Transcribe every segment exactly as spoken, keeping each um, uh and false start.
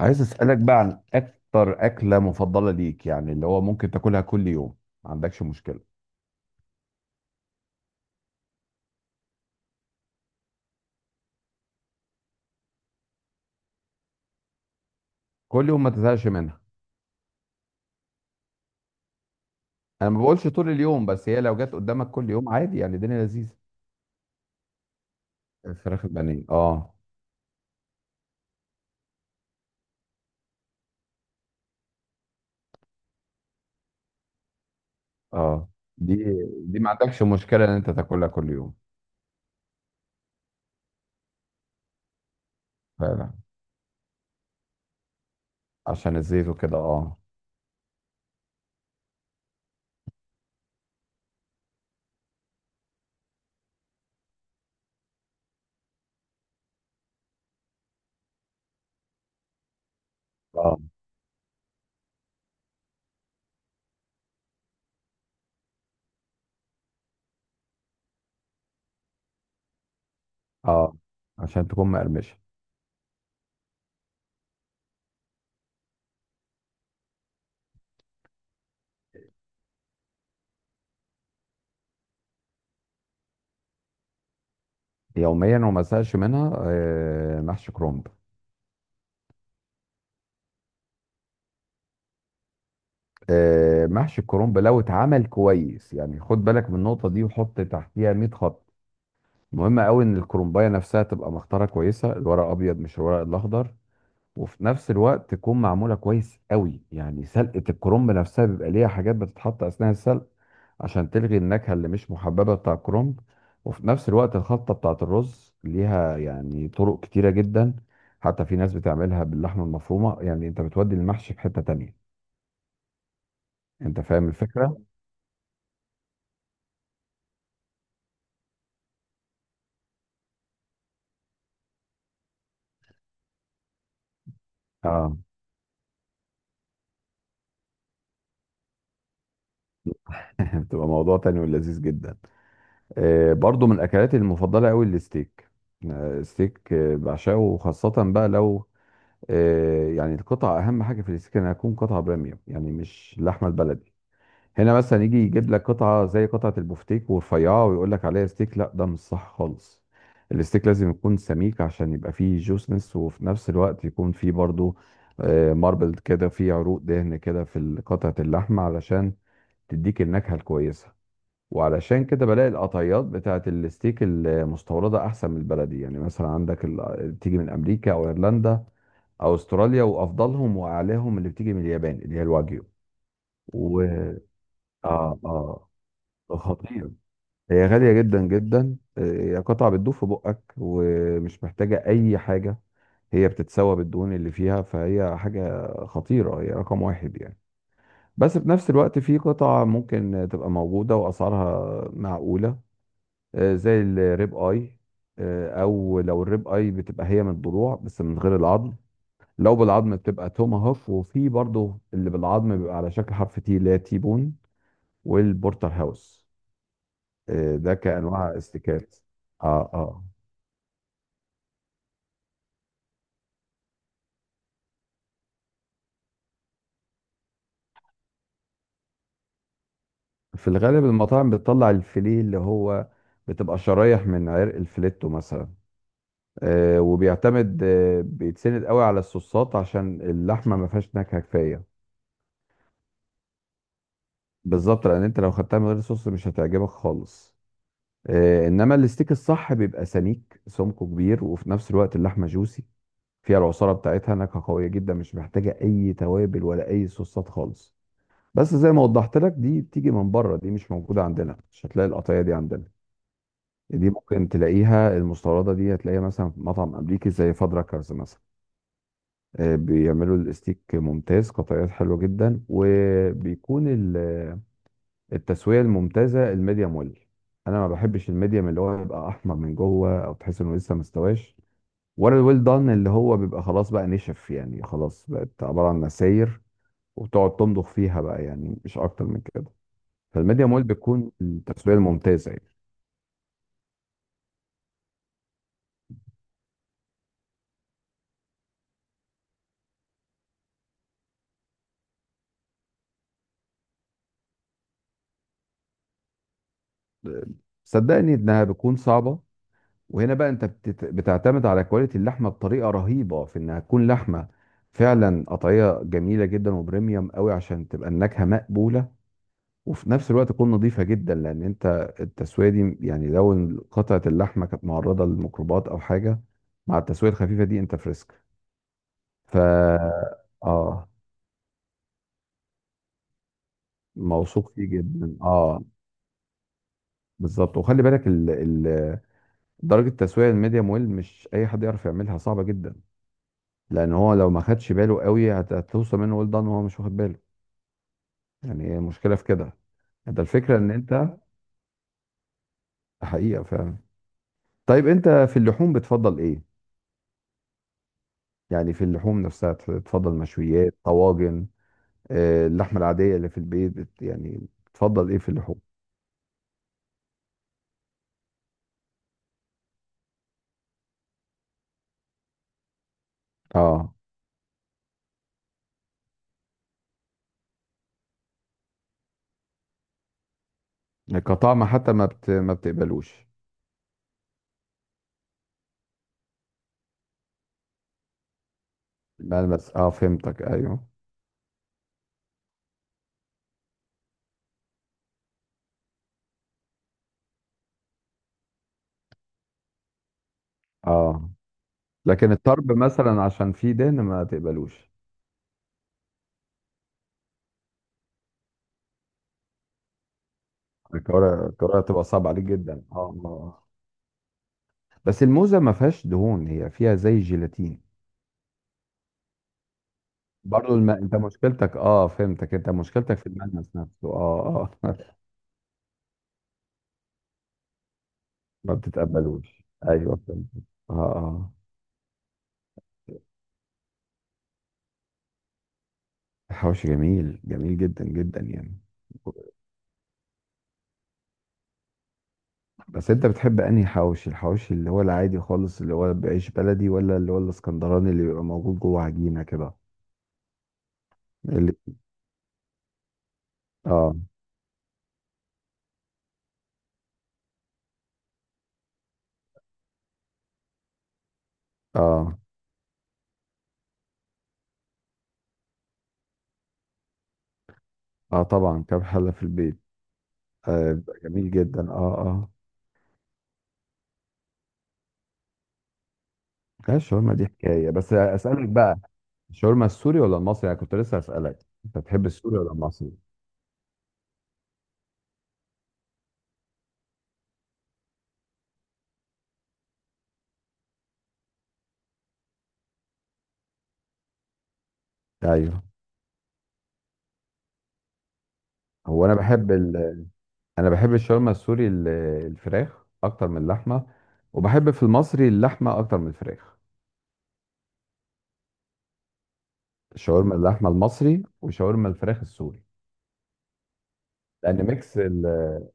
عايز اسالك بقى عن اكتر اكله مفضله ليك، يعني اللي هو ممكن تاكلها كل يوم ما عندكش مشكله؟ كل يوم ما تزهقش منها؟ انا ما بقولش طول اليوم، بس هي لو جت قدامك كل يوم عادي يعني الدنيا لذيذه. الفراخ البانيه، اه. اه، دي دي ما عندكش مشكله ان انت تاكلها كل يوم؟ فعلا، عشان الزيت وكده. اه اه اه، عشان تكون مقرمشه. يوميا وما ازهقش منها؟ آه، محشي كرنب. آه، محشي الكرنب لو اتعمل كويس، يعني خد بالك من النقطة دي وحط تحتيها مية خط. مهم قوي ان الكرومبايه نفسها تبقى مختاره كويسه، الورق الابيض مش الورق الاخضر. وفي نفس الوقت تكون معموله كويس قوي، يعني سلقه الكرنب نفسها بيبقى ليها حاجات بتتحط اثناء السلق عشان تلغي النكهه اللي مش محببه بتاع الكرنب. وفي نفس الوقت الخلطه بتاعه الرز ليها يعني طرق كتيره جدا، حتى في ناس بتعملها باللحمه المفرومه، يعني انت بتودي المحشي في حته تانية. انت فاهم الفكره. اه. بتبقى موضوع تاني ولذيذ جدا. آه، برضو من اكلاتي المفضله قوي الستيك. آه، ستيك، آه، بعشقه، وخاصه بقى لو آه، يعني القطعه اهم حاجه في الستيك، انها تكون قطعه بريميوم، يعني مش اللحمه البلدي. هنا مثلا يجي يجيب لك قطعه زي قطعه البفتيك ورفيعه ويقول لك عليها ستيك، لا ده مش صح خالص. الستيك لازم يكون سميك عشان يبقى فيه جوسنس، وفي نفس الوقت يكون فيه برضو ماربل كده، فيه عروق دهن كده في قطعه اللحمه، علشان تديك النكهه الكويسه. وعلشان كده بلاقي القطعيات بتاعت الستيك المستوردة أحسن من البلدي. يعني مثلا عندك ال- بتيجي من أمريكا أو إيرلندا أو أستراليا، وأفضلهم وأعلاهم اللي بتيجي من اليابان اللي هي الواجيو. و آه آه خطير. هي غالية جدا جدا. آه، هي قطعة بتدوب في بقك ومش محتاجة أي حاجة. هي بتتسوى بالدهون اللي فيها، فهي حاجة خطيرة، هي رقم واحد يعني. بس في نفس الوقت في قطع ممكن تبقى موجودة وأسعارها معقولة، آه، زي الريب اي. آه، او لو الريب اي بتبقى هي من الضلوع بس من غير العظم. لو بالعظم بتبقى توماهوف. وفي برضو اللي بالعظم بيبقى على شكل حرف تي، اللي هي تي بون والبورتر هاوس. آه، ده كانواع استيكات. اه. اه، في الغالب المطاعم بتطلع الفيليه، اللي هو بتبقى شرايح من عرق الفليتو مثلا. آه، وبيعتمد آه، بيتسند قوي على الصوصات عشان اللحمه ما فيهاش نكهه كفايه. بالظبط، لان انت لو خدتها من غير صوص مش هتعجبك خالص. آه، انما الستيك الصح بيبقى سميك سمكه كبير، وفي نفس الوقت اللحمه جوسي، فيها العصاره بتاعتها، نكهه قويه جدا، مش محتاجه اي توابل ولا اي صوصات خالص. بس زي ما وضحت لك، دي بتيجي من بره، دي مش موجوده عندنا، مش هتلاقي القطعيه دي عندنا. دي ممكن تلاقيها المستورده، دي هتلاقيها مثلا في مطعم امريكي زي فادراكرز مثلا. آه، بيعملوا الستيك ممتاز، قطعيات حلوه جدا، وبيكون ال- التسويه الممتازه الميديم ويل. انا ما بحبش الميديم، اللي هو يبقى احمر من جوه او تحس انه لسه مستواش. ولا الويل دان، اللي هو بيبقى خلاص بقى نشف، يعني خلاص بقت عباره عن نساير، وبتقعد تمضغ فيها بقى، يعني مش اكتر من كده. فالميديم ويل بتكون التسويه الممتازه يعني. صدقني انها بتكون صعبه. وهنا بقى انت بتت- بتعتمد على كواليتي اللحمه بطريقه رهيبه، في انها تكون لحمه فعلا قطعيه جميله جدا وبريميوم قوي، عشان تبقى النكهه مقبوله. وفي نفس الوقت تكون نظيفة جدا، لأن أنت التسوية دي، يعني لو قطعة اللحمة كانت معرضة للميكروبات أو حاجة، مع التسوية الخفيفة دي أنت فريسك. ف آه، موثوق فيه جدا. آه، بالظبط. وخلي بالك ال... ال... درجة التسوية الميديم ويل مش أي حد يعرف يعملها، صعبة جدا. لأن هو لو ما خدش باله قوي، هت- هتوصل منه ويل دان وهو مش واخد باله. يعني هي المشكلة في كده. ده الفكرة إن أنت حقيقة فعلا. طيب أنت في اللحوم بتفضل إيه؟ يعني في اللحوم نفسها، ت- تفضل مشويات، طواجن، آه، اللحمه العاديه اللي في البيت؟ بت- يعني تفضل ايه في اللحوم؟ اه، كطعم حتى ما بت... ما بتقبلوش؟ ملمس، اه فهمتك، ايوه. اه، لكن الطرب مثلا عشان فيه دهن ما تقبلوش؟ الكوارع، الكوارع تبقى صعبه عليك جدا، اه، آه، آه. بس الموزه ما فيهاش دهون، هي فيها زي جيلاتين. برضه الم... انت مشكلتك، اه فهمتك، انت مشكلتك في الملمس نفسه. اه اه. ما بتتقبلوش، ايوه فهمت. اه اه. الحواوشي جميل، جميل جدا جدا يعني. بس انت بتحب انهي حواوشي؟ الحواوشي اللي هو العادي خالص اللي هو بعيش بلدي، ولا اللي هو الاسكندراني اللي بيبقى موجود جوه عجينة كده؟ اللي اه اه، اه طبعا، كام حلة في البيت. آه، بيبقى جميل جدا. اه اه. لا، الشاورما دي حكاية. بس اسألك بقى، الشاورما السوري ولا المصري؟ انا كنت لسه اسألك، انت تحب السوري ولا المصري؟ ايوه. هو انا بحب، انا بحب الشاورما السوري ال- الفراخ اكتر من اللحمه. وبحب في المصري اللحمه اكتر من الفراخ. شاورما اللحمه المصري وشاورما الفراخ السوري. لان ميكس ال-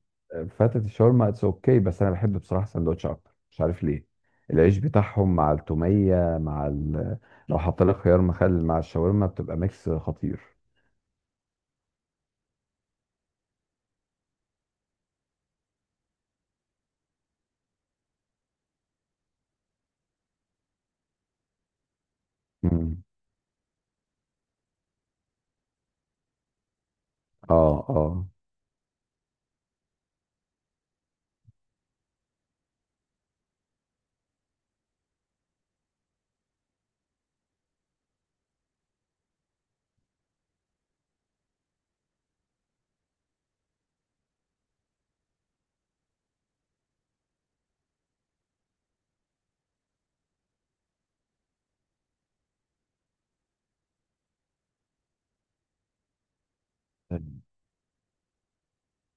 فتة الشاورما اتس اوكي، بس انا بحب بصراحه سندوتش اكتر، مش عارف ليه. العيش بتاعهم مع التوميه مع ال... لو حط لك خيار مخلل مع الشاورما بتبقى ميكس خطير. مم. اه اه.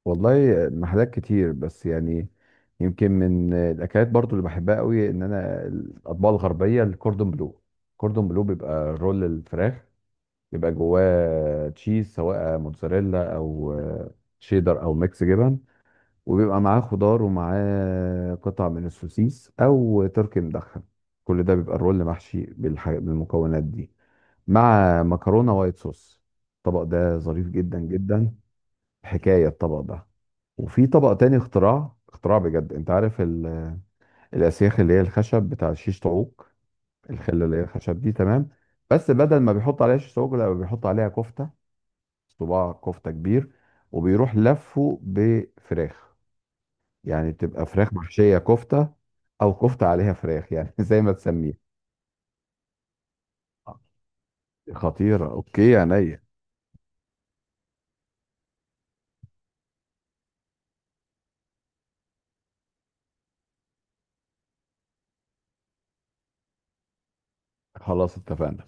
والله محلات كتير، بس يعني يمكن من الاكلات برضو اللي بحبها قوي ان انا الاطباق الغربيه، الكوردون بلو. الكوردون بلو بيبقى رول الفراخ، بيبقى جواه تشيز، سواء موتزاريلا او شيدر او ميكس جبن. وبيبقى معاه خضار ومعاه قطع من السوسيس او تركي مدخن، كل ده بيبقى الرول محشي بالح- بالمكونات دي، مع مكرونه وايت صوص. الطبق ده ظريف جدا جدا، حكاية الطبق ده. وفي طبق تاني، اختراع، اختراع بجد. انت عارف ال- الاسياخ اللي هي الخشب بتاع شيش طاووق؟ الخله اللي هي الخشب دي، تمام؟ بس بدل ما بيحط عليها شيش طاووق لا بيحط عليها كفته، صباع كفته كبير، وبيروح لفه بفراخ. يعني بتبقى فراخ محشيه كفته، او كفته عليها فراخ يعني، زي ما تسميها. خطيره. اوكي، عينيا. خلاص، اتفقنا.